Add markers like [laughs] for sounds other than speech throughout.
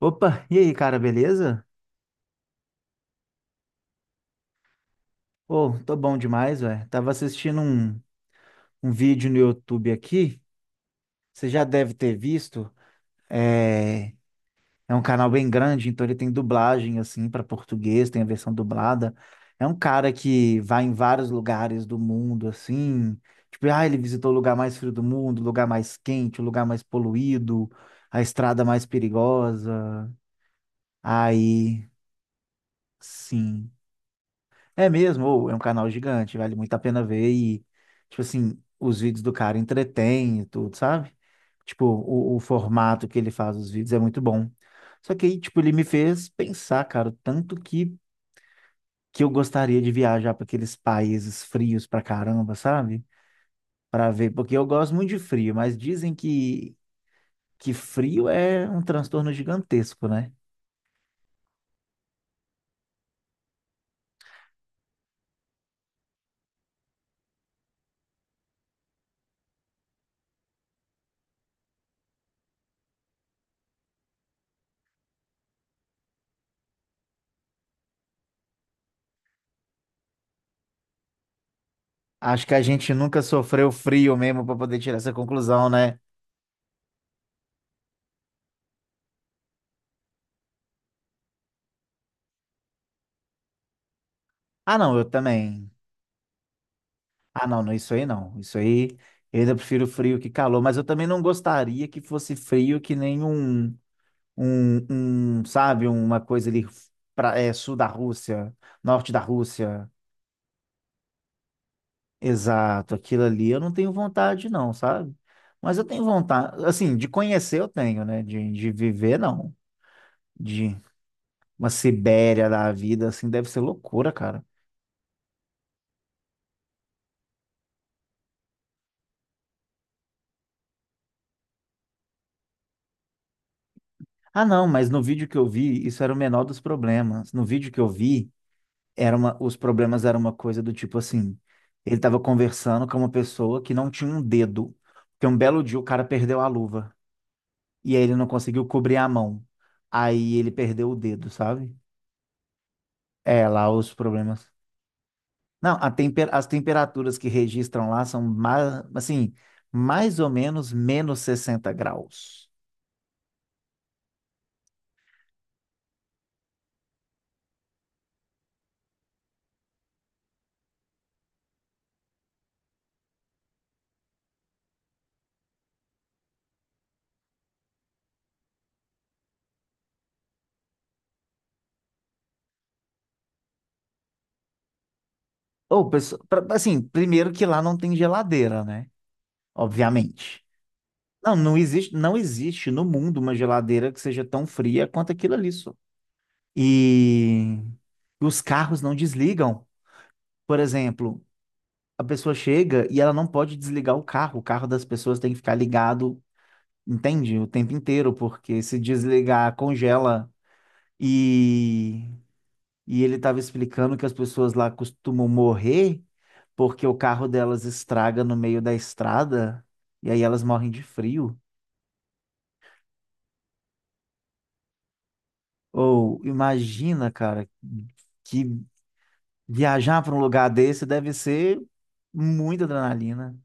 Opa, e aí, cara, beleza? Ô, tô bom demais, velho. Tava assistindo um vídeo no YouTube aqui, você já deve ter visto. É, é um canal bem grande, então ele tem dublagem, assim, para português, tem a versão dublada. É um cara que vai em vários lugares do mundo, assim. Tipo, ele visitou o lugar mais frio do mundo, o lugar mais quente, o lugar mais poluído, a estrada mais perigosa. Aí, sim. É mesmo, ou é um canal gigante, vale muito a pena ver e, tipo assim, os vídeos do cara entretêm e tudo, sabe? Tipo, o formato que ele faz os vídeos é muito bom. Só que aí, tipo, ele me fez pensar, cara, o tanto que eu gostaria de viajar para aqueles países frios pra caramba, sabe? Pra ver, porque eu gosto muito de frio, mas dizem que frio é um transtorno gigantesco, né? Acho que a gente nunca sofreu frio mesmo para poder tirar essa conclusão, né? Ah, não, eu também. Ah, não, não, isso aí não. Isso aí eu ainda prefiro frio que calor, mas eu também não gostaria que fosse frio que nem um, sabe, uma coisa ali sul da Rússia, norte da Rússia. Exato, aquilo ali eu não tenho vontade, não, sabe? Mas eu tenho vontade, assim, de conhecer eu tenho, né? De viver, não. De uma Sibéria da vida, assim, deve ser loucura, cara. Ah, não, mas no vídeo que eu vi, isso era o menor dos problemas. No vídeo que eu vi, os problemas eram uma coisa do tipo assim, ele estava conversando com uma pessoa que não tinha um dedo, porque um belo dia o cara perdeu a luva e aí ele não conseguiu cobrir a mão. Aí ele perdeu o dedo, sabe? É, lá os problemas. Não, as temperaturas que registram lá são, mais, assim, mais ou menos, menos 60 graus. Assim, primeiro que lá não tem geladeira, né? Obviamente. Não, não existe, não existe no mundo uma geladeira que seja tão fria quanto aquilo ali, só. E os carros não desligam. Por exemplo, a pessoa chega e ela não pode desligar o carro. O carro das pessoas tem que ficar ligado, entende? O tempo inteiro, porque se desligar, congela. E, e ele estava explicando que as pessoas lá costumam morrer porque o carro delas estraga no meio da estrada e aí elas morrem de frio. Ou imagina, cara, que viajar para um lugar desse deve ser muita adrenalina.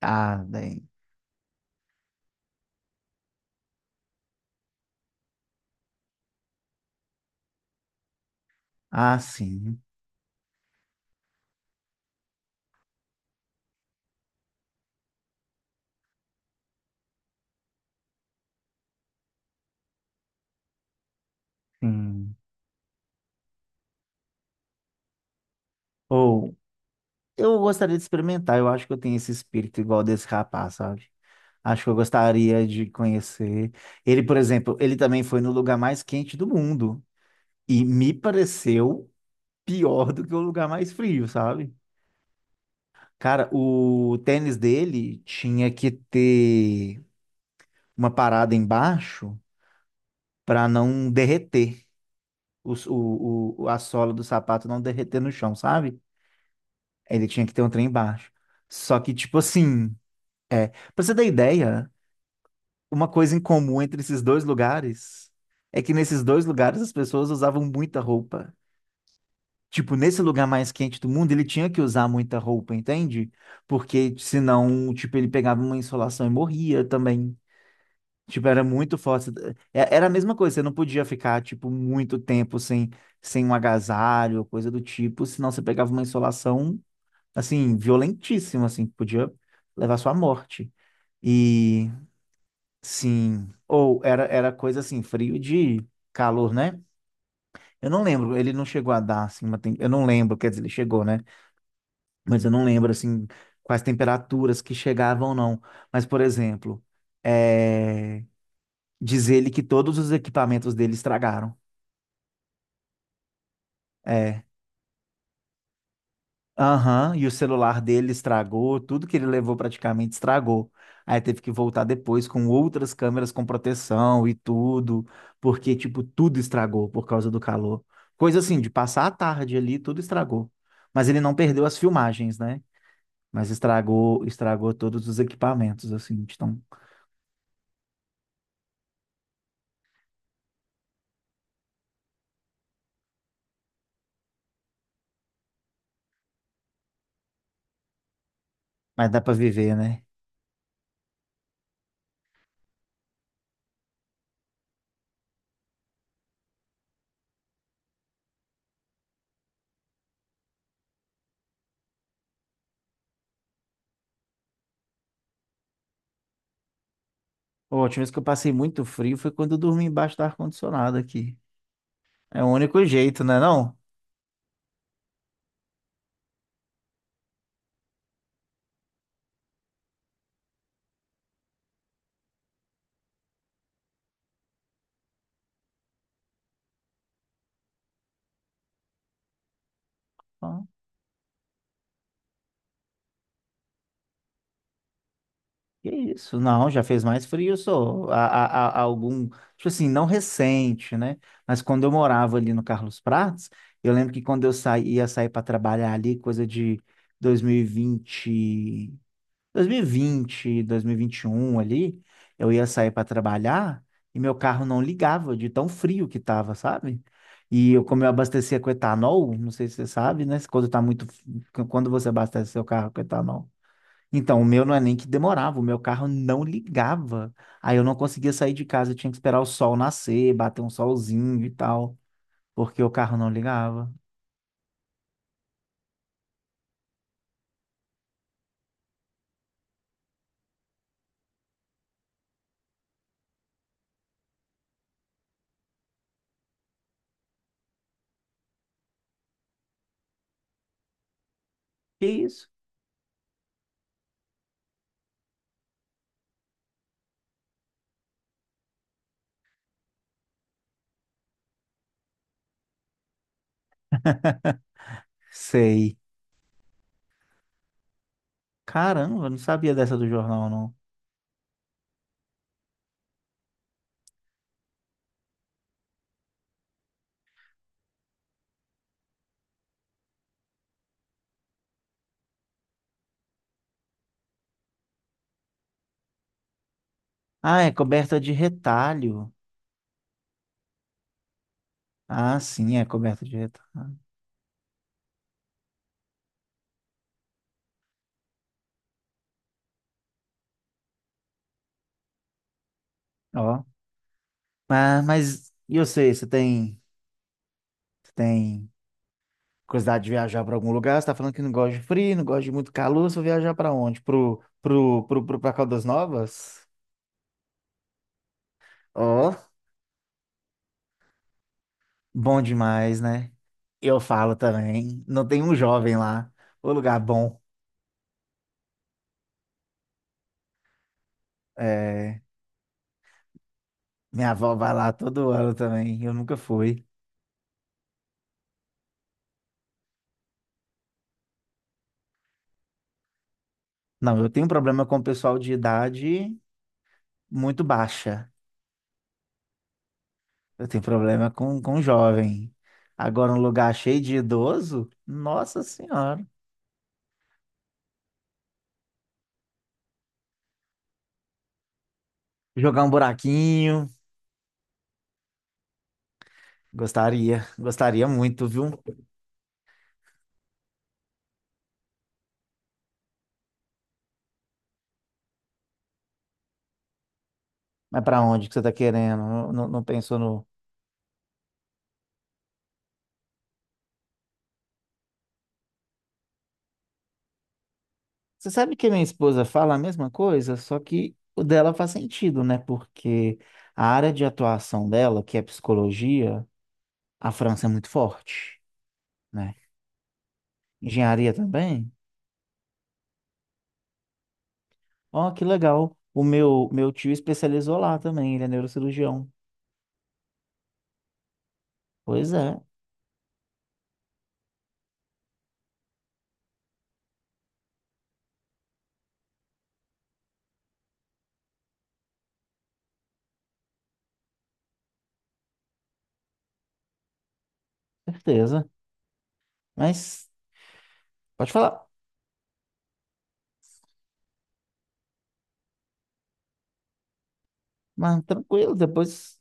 Ah, bem. Ah, sim. Sim. Ou eu gostaria de experimentar. Eu acho que eu tenho esse espírito igual desse rapaz, sabe? Acho que eu gostaria de conhecer. Ele, por exemplo, ele também foi no lugar mais quente do mundo e me pareceu pior do que o lugar mais frio, sabe? Cara, o tênis dele tinha que ter uma parada embaixo para não derreter a sola do sapato não derreter no chão, sabe? Ele tinha que ter um trem embaixo. Só que, tipo assim, pra você ter ideia, uma coisa em comum entre esses dois lugares é que nesses dois lugares as pessoas usavam muita roupa. Tipo, nesse lugar mais quente do mundo, ele tinha que usar muita roupa, entende? Porque senão, tipo, ele pegava uma insolação e morria também. Tipo, era muito forte. Era a mesma coisa, você não podia ficar, tipo, muito tempo sem um agasalho, coisa do tipo, senão você pegava uma insolação, assim, violentíssima, assim, que podia levar à sua morte. E, sim, ou era, era coisa assim, frio de calor, né? Eu não lembro, ele não chegou a dar, assim, eu não lembro, quer dizer, ele chegou, né? Mas eu não lembro, assim, quais temperaturas que chegavam, não. Mas, por exemplo, é... diz ele que todos os equipamentos dele estragaram. É. Aham, e o celular dele estragou, tudo que ele levou praticamente estragou. Aí teve que voltar depois com outras câmeras com proteção e tudo, porque, tipo, tudo estragou por causa do calor. Coisa assim, de passar a tarde ali, tudo estragou. Mas ele não perdeu as filmagens, né? Mas estragou, estragou todos os equipamentos, assim, então. Mas dá pra viver, né? Pô, a última vez que eu passei muito frio foi quando eu dormi embaixo do ar-condicionado aqui. É o único jeito, né, não? Ah, que isso? Não, já fez mais frio, só. Há algum, tipo assim, não recente, né? Mas quando eu morava ali no Carlos Prates, eu lembro que quando eu saí, ia sair para trabalhar ali, coisa de 2020, 2020, 2021 ali, eu ia sair para trabalhar e meu carro não ligava de tão frio que tava, sabe? E eu, como eu abastecia com etanol, não sei se você sabe, né? Quando você abastece seu carro com etanol. Então, o meu não é nem que demorava, o meu carro não ligava. Aí eu não conseguia sair de casa, eu tinha que esperar o sol nascer, bater um solzinho e tal, porque o carro não ligava. Que isso? [laughs] Sei. Caramba, eu não sabia dessa do jornal, não. Ah, é coberta de retalho. Ah, sim, é coberta de retalho. Ó. Ah, mas e você, você tem curiosidade de viajar para algum lugar? Você tá falando que não gosta de frio, não gosta de muito calor, você vai viajar para onde? Pra Caldas Novas? Ó, bom demais, né? Eu falo também. Não tem um jovem lá. O lugar bom. É, minha avó vai lá todo ano também. Eu nunca fui. Não, eu tenho problema com o pessoal de idade muito baixa. Eu tenho problema com jovem. Agora, um lugar cheio de idoso? Nossa Senhora. Jogar um buraquinho? Gostaria. Gostaria muito, viu? Mas pra onde que você tá querendo? Não, não, não pensou no. Você sabe que minha esposa fala a mesma coisa, só que o dela faz sentido, né? Porque a área de atuação dela, que é psicologia, a França é muito forte, né? Engenharia também. Ó, que legal. O meu, meu tio especializou lá também, ele é neurocirurgião. Pois é, certeza. Mas pode falar. Mas tranquilo, depois.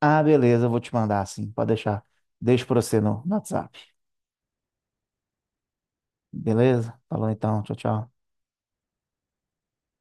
Ah, beleza, eu vou te mandar assim, pode deixar. Deixo pra você no WhatsApp. Beleza? Falou então, tchau, tchau.